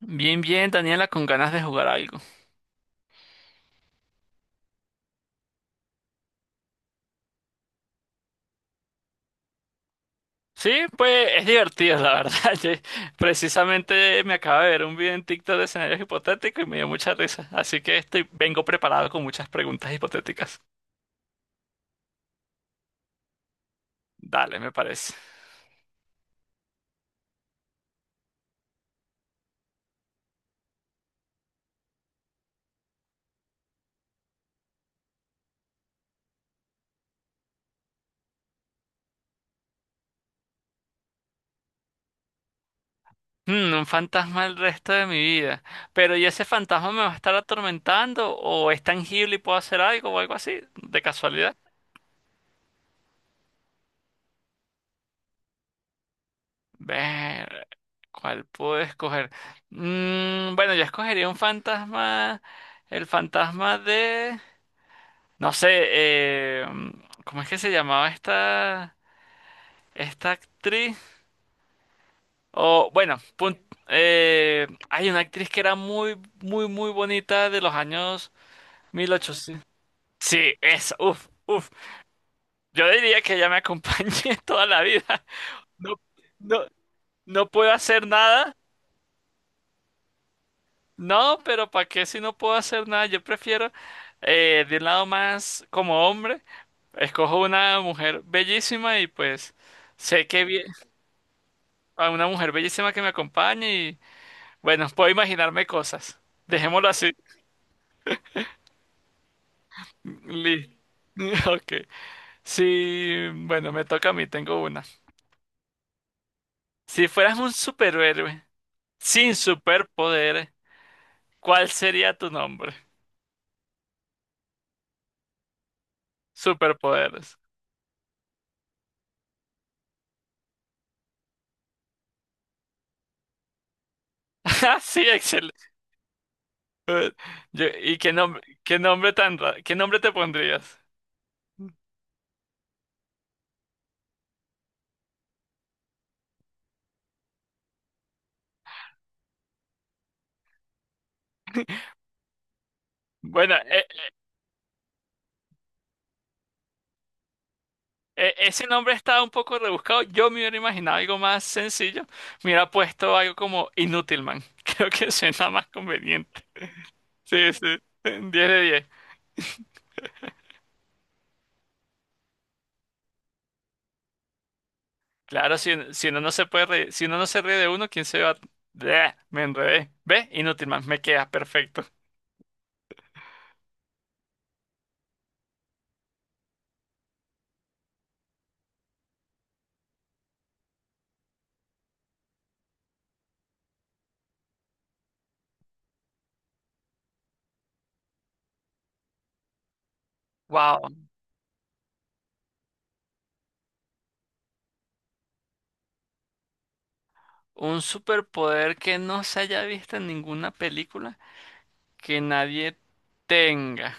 Bien, bien, Daniela, con ganas de jugar algo. Sí, pues es divertido, la verdad. Yo- precisamente me acabo de ver un video en TikTok de escenarios hipotéticos y me dio mucha risa. Así que estoy, vengo preparado con muchas preguntas hipotéticas. Dale, me parece. Un fantasma el resto de mi vida. Pero ¿y ese fantasma me va a estar atormentando? ¿O es tangible y puedo hacer algo o algo así? ¿De casualidad? Ver, ¿cuál puedo escoger? Bueno, yo escogería un fantasma, el fantasma de, no sé, ¿cómo es que se llamaba esta, esta actriz? O bueno, hay una actriz que era muy, muy, muy bonita de los años 1800. Sí, esa, uf, uf. Yo diría que ella me acompañe toda la vida. No, no, no puedo hacer nada. No, pero ¿para qué si no puedo hacer nada? Yo prefiero, de un lado más como hombre, escojo una mujer bellísima y pues sé que bien, a una mujer bellísima que me acompañe y bueno, puedo imaginarme cosas. Dejémoslo así. Li- Ok. Sí, bueno, me toca a mí, tengo una. Si fueras un superhéroe sin superpoderes, ¿cuál sería tu nombre? Superpoderes. Ah, sí, excelente. Eh, ¿Y qué nombre, qué nombre te pondrías? Bueno, ese nombre está un poco rebuscado. Yo me hubiera imaginado algo más sencillo. Me hubiera puesto algo como Inútilman. Creo que suena más conveniente. Sí, sí. 10 de 10. Claro, si uno si uno no se ríe de uno, ¿quién se va a...? Bleh, me enredé. ¿Ve? Inútilman, me queda perfecto. Wow. Un superpoder que no se haya visto en ninguna película, que nadie tenga.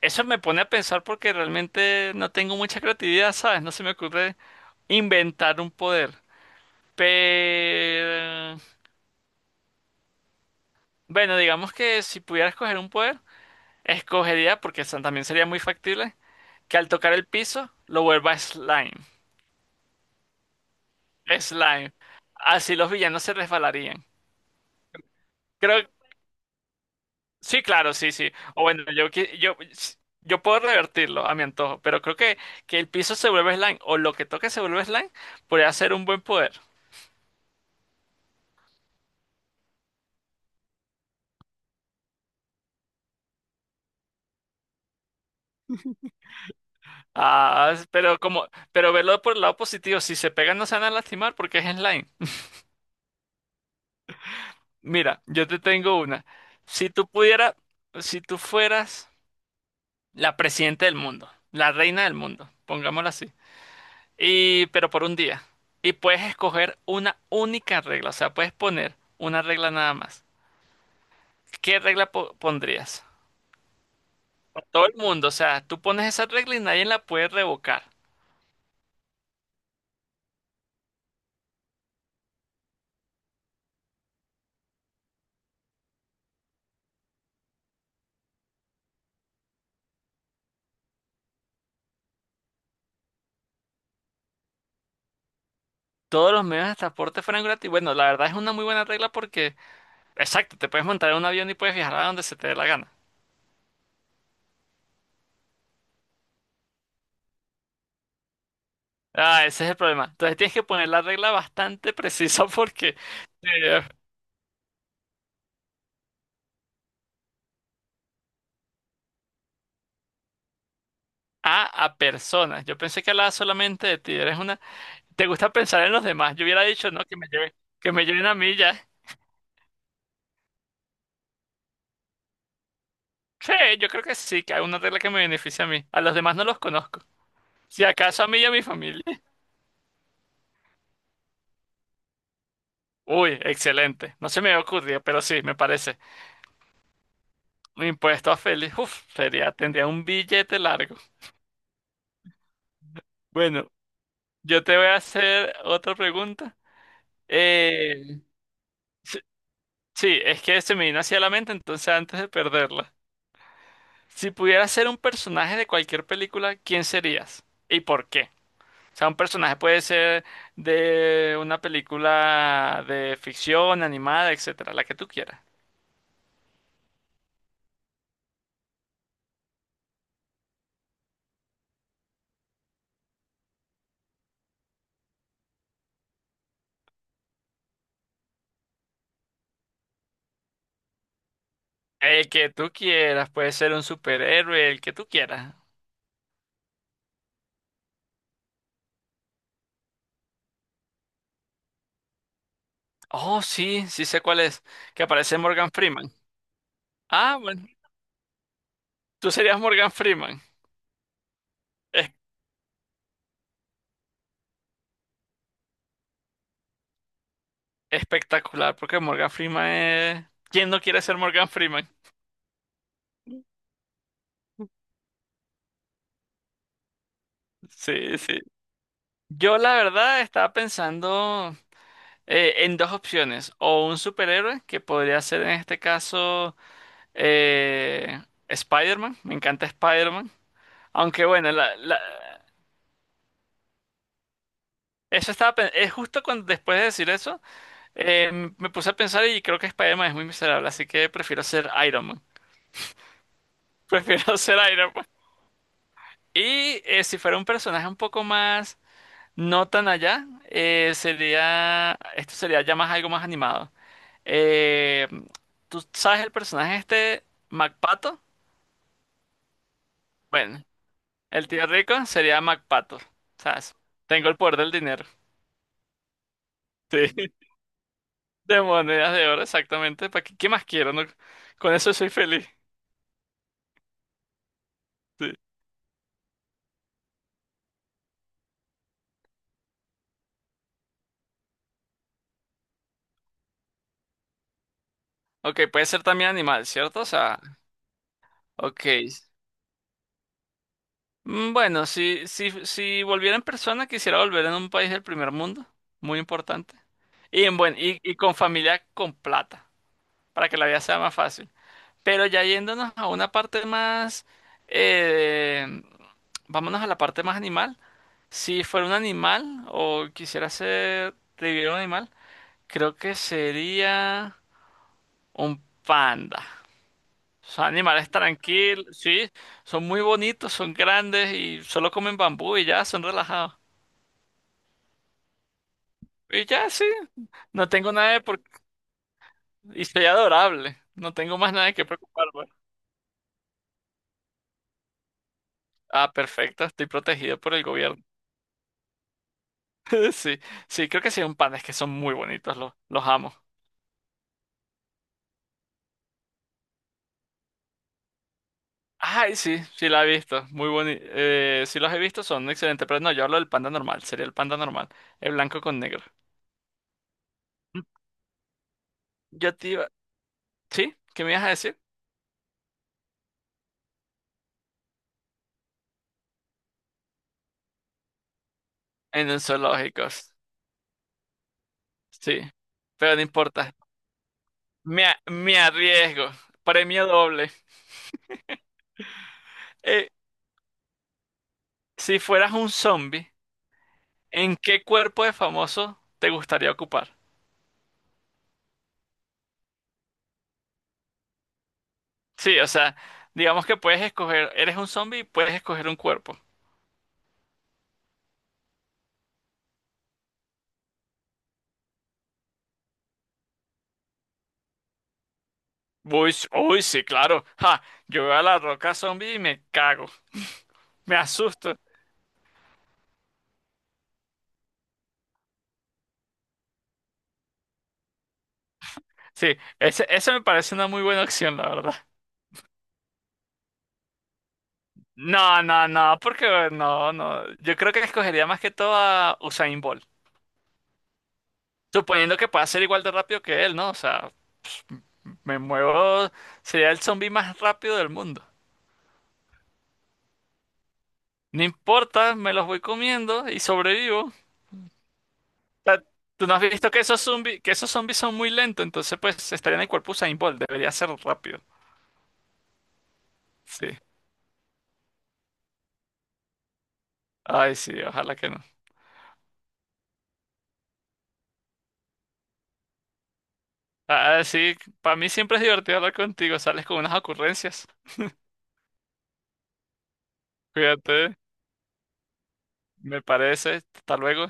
Eso me pone a pensar porque realmente no tengo mucha creatividad, ¿sabes? No se me ocurre inventar un poder. Pero bueno, digamos que si pudiera escoger un poder, escogería, porque eso también sería muy factible, que al tocar el piso lo vuelva slime. Slime. Así los villanos se resbalarían. Creo, sí, claro, sí, sí. O bueno, yo puedo revertirlo a mi antojo, pero creo que el piso se vuelve slime o lo que toque se vuelve slime podría ser un buen poder. Ah, pero como, pero verlo por el lado positivo, si se pegan no se van a lastimar porque es slime. Mira, yo te tengo una. Si tú pudieras, si tú fueras la presidenta del mundo, la reina del mundo, pongámoslo así, y pero por un día, y puedes escoger una única regla, o sea, puedes poner una regla nada más. Pondrías? Todo el mundo, o sea, tú pones esa regla y nadie la puede revocar. Todos los medios de transporte fueran gratis. Bueno, la verdad es una muy buena regla porque... Exacto, te puedes montar en un avión y puedes viajar a donde se te dé la gana. Ah, ese es el problema. Entonces tienes que poner la regla bastante precisa porque eh, a personas. Yo pensé que hablaba solamente de ti. Eres una. Te gusta pensar en los demás. Yo hubiera dicho, no, que me lleven a mí ya. Sí, yo creo que sí, que hay una regla que me beneficia a mí. A los demás no los conozco. Si acaso a mí y a mi familia. Uy, excelente. No se me ocurrió, pero sí, me parece. Un impuesto a Félix. Uf, sería, tendría un billete largo. Bueno, yo te voy a hacer otra pregunta. Eh, sí, sí, es que se me vino hacia la mente, entonces antes de perderla. Si pudieras ser un personaje de cualquier película, ¿quién serías? ¿Y por qué? O sea, un personaje puede ser de una película de ficción, animada, etcétera, la que tú quieras. El que tú quieras, puede ser un superhéroe, el que tú quieras. Oh, sí, sí sé cuál es, que aparece Morgan Freeman. Ah, bueno, tú serías Morgan Freeman. Espectacular, porque Morgan Freeman es... ¿Quién no quiere ser Morgan Freeman? Sí, sí. Yo la verdad estaba pensando en dos opciones, o un superhéroe, que podría ser en este caso eh, Spider-Man, me encanta Spider-Man, aunque bueno, eso justo cuando, después de decir eso, me puse a pensar y creo que Spider-Man es muy miserable, así que prefiero ser Iron Man, prefiero ser Iron Man. Y si fuera un personaje un poco más... no tan allá, sería, esto sería ya más algo más animado. Eh, ¿Tú sabes el personaje este, MacPato? Bueno, el tío rico sería MacPato, ¿sabes? Tengo el poder del dinero, sí, de monedas de oro, exactamente, ¿para qué, qué más quiero, no? Con eso soy feliz, sí. Ok, puede ser también animal, ¿cierto? O sea, ok, bueno, si volviera en persona, quisiera volver en un país del primer mundo, muy importante. Y, en buen, y con familia con plata, para que la vida sea más fácil. Pero ya yéndonos a una parte más, eh, vámonos a la parte más animal. Si fuera un animal o quisiera ser, vivir un animal, creo que sería un panda. Son animales tranquilos, sí, son muy bonitos, son grandes y solo comen bambú y ya, son relajados. Y ya sí, no tengo nada de por... Y soy adorable, no tengo más nada de qué preocuparme. Ah, perfecto, estoy protegido por el gobierno. Sí, sí, creo que sí, un pan, es que son muy bonitos, los amo. Ay, sí, sí la he visto, muy bonito. Sí los he visto, son excelentes, pero no, yo hablo del panda normal, sería el panda normal, el blanco con negro. Mm, Yo te iba... ¿sí? ¿Qué me ibas a decir? En el zoológico, sí, pero no importa, me arriesgo, premio doble. Eh, si fueras un zombie, ¿en qué cuerpo de famoso te gustaría ocupar? Sí, o sea, digamos que puedes escoger, eres un zombie, y puedes escoger un cuerpo. Uy, sí, claro. Ja, yo veo a la roca zombie y me cago, me asusto. Sí, ese, esa me parece una muy buena opción, la verdad. No, no, no, porque no, no. Yo creo que escogería más que todo a Usain Bolt. Suponiendo que pueda ser igual de rápido que él, ¿no? O sea, me muevo, sería el zombie más rápido del mundo. No importa, me los voy comiendo y sobrevivo. Sea, tú no has visto que esos zombies son muy lentos, entonces pues estaría en el cuerpo Usain Bolt, debería ser rápido. Sí. Ay, sí, ojalá que no. Ah, sí, para mí siempre es divertido hablar contigo, sales con unas ocurrencias. Cuídate, me parece. Hasta luego.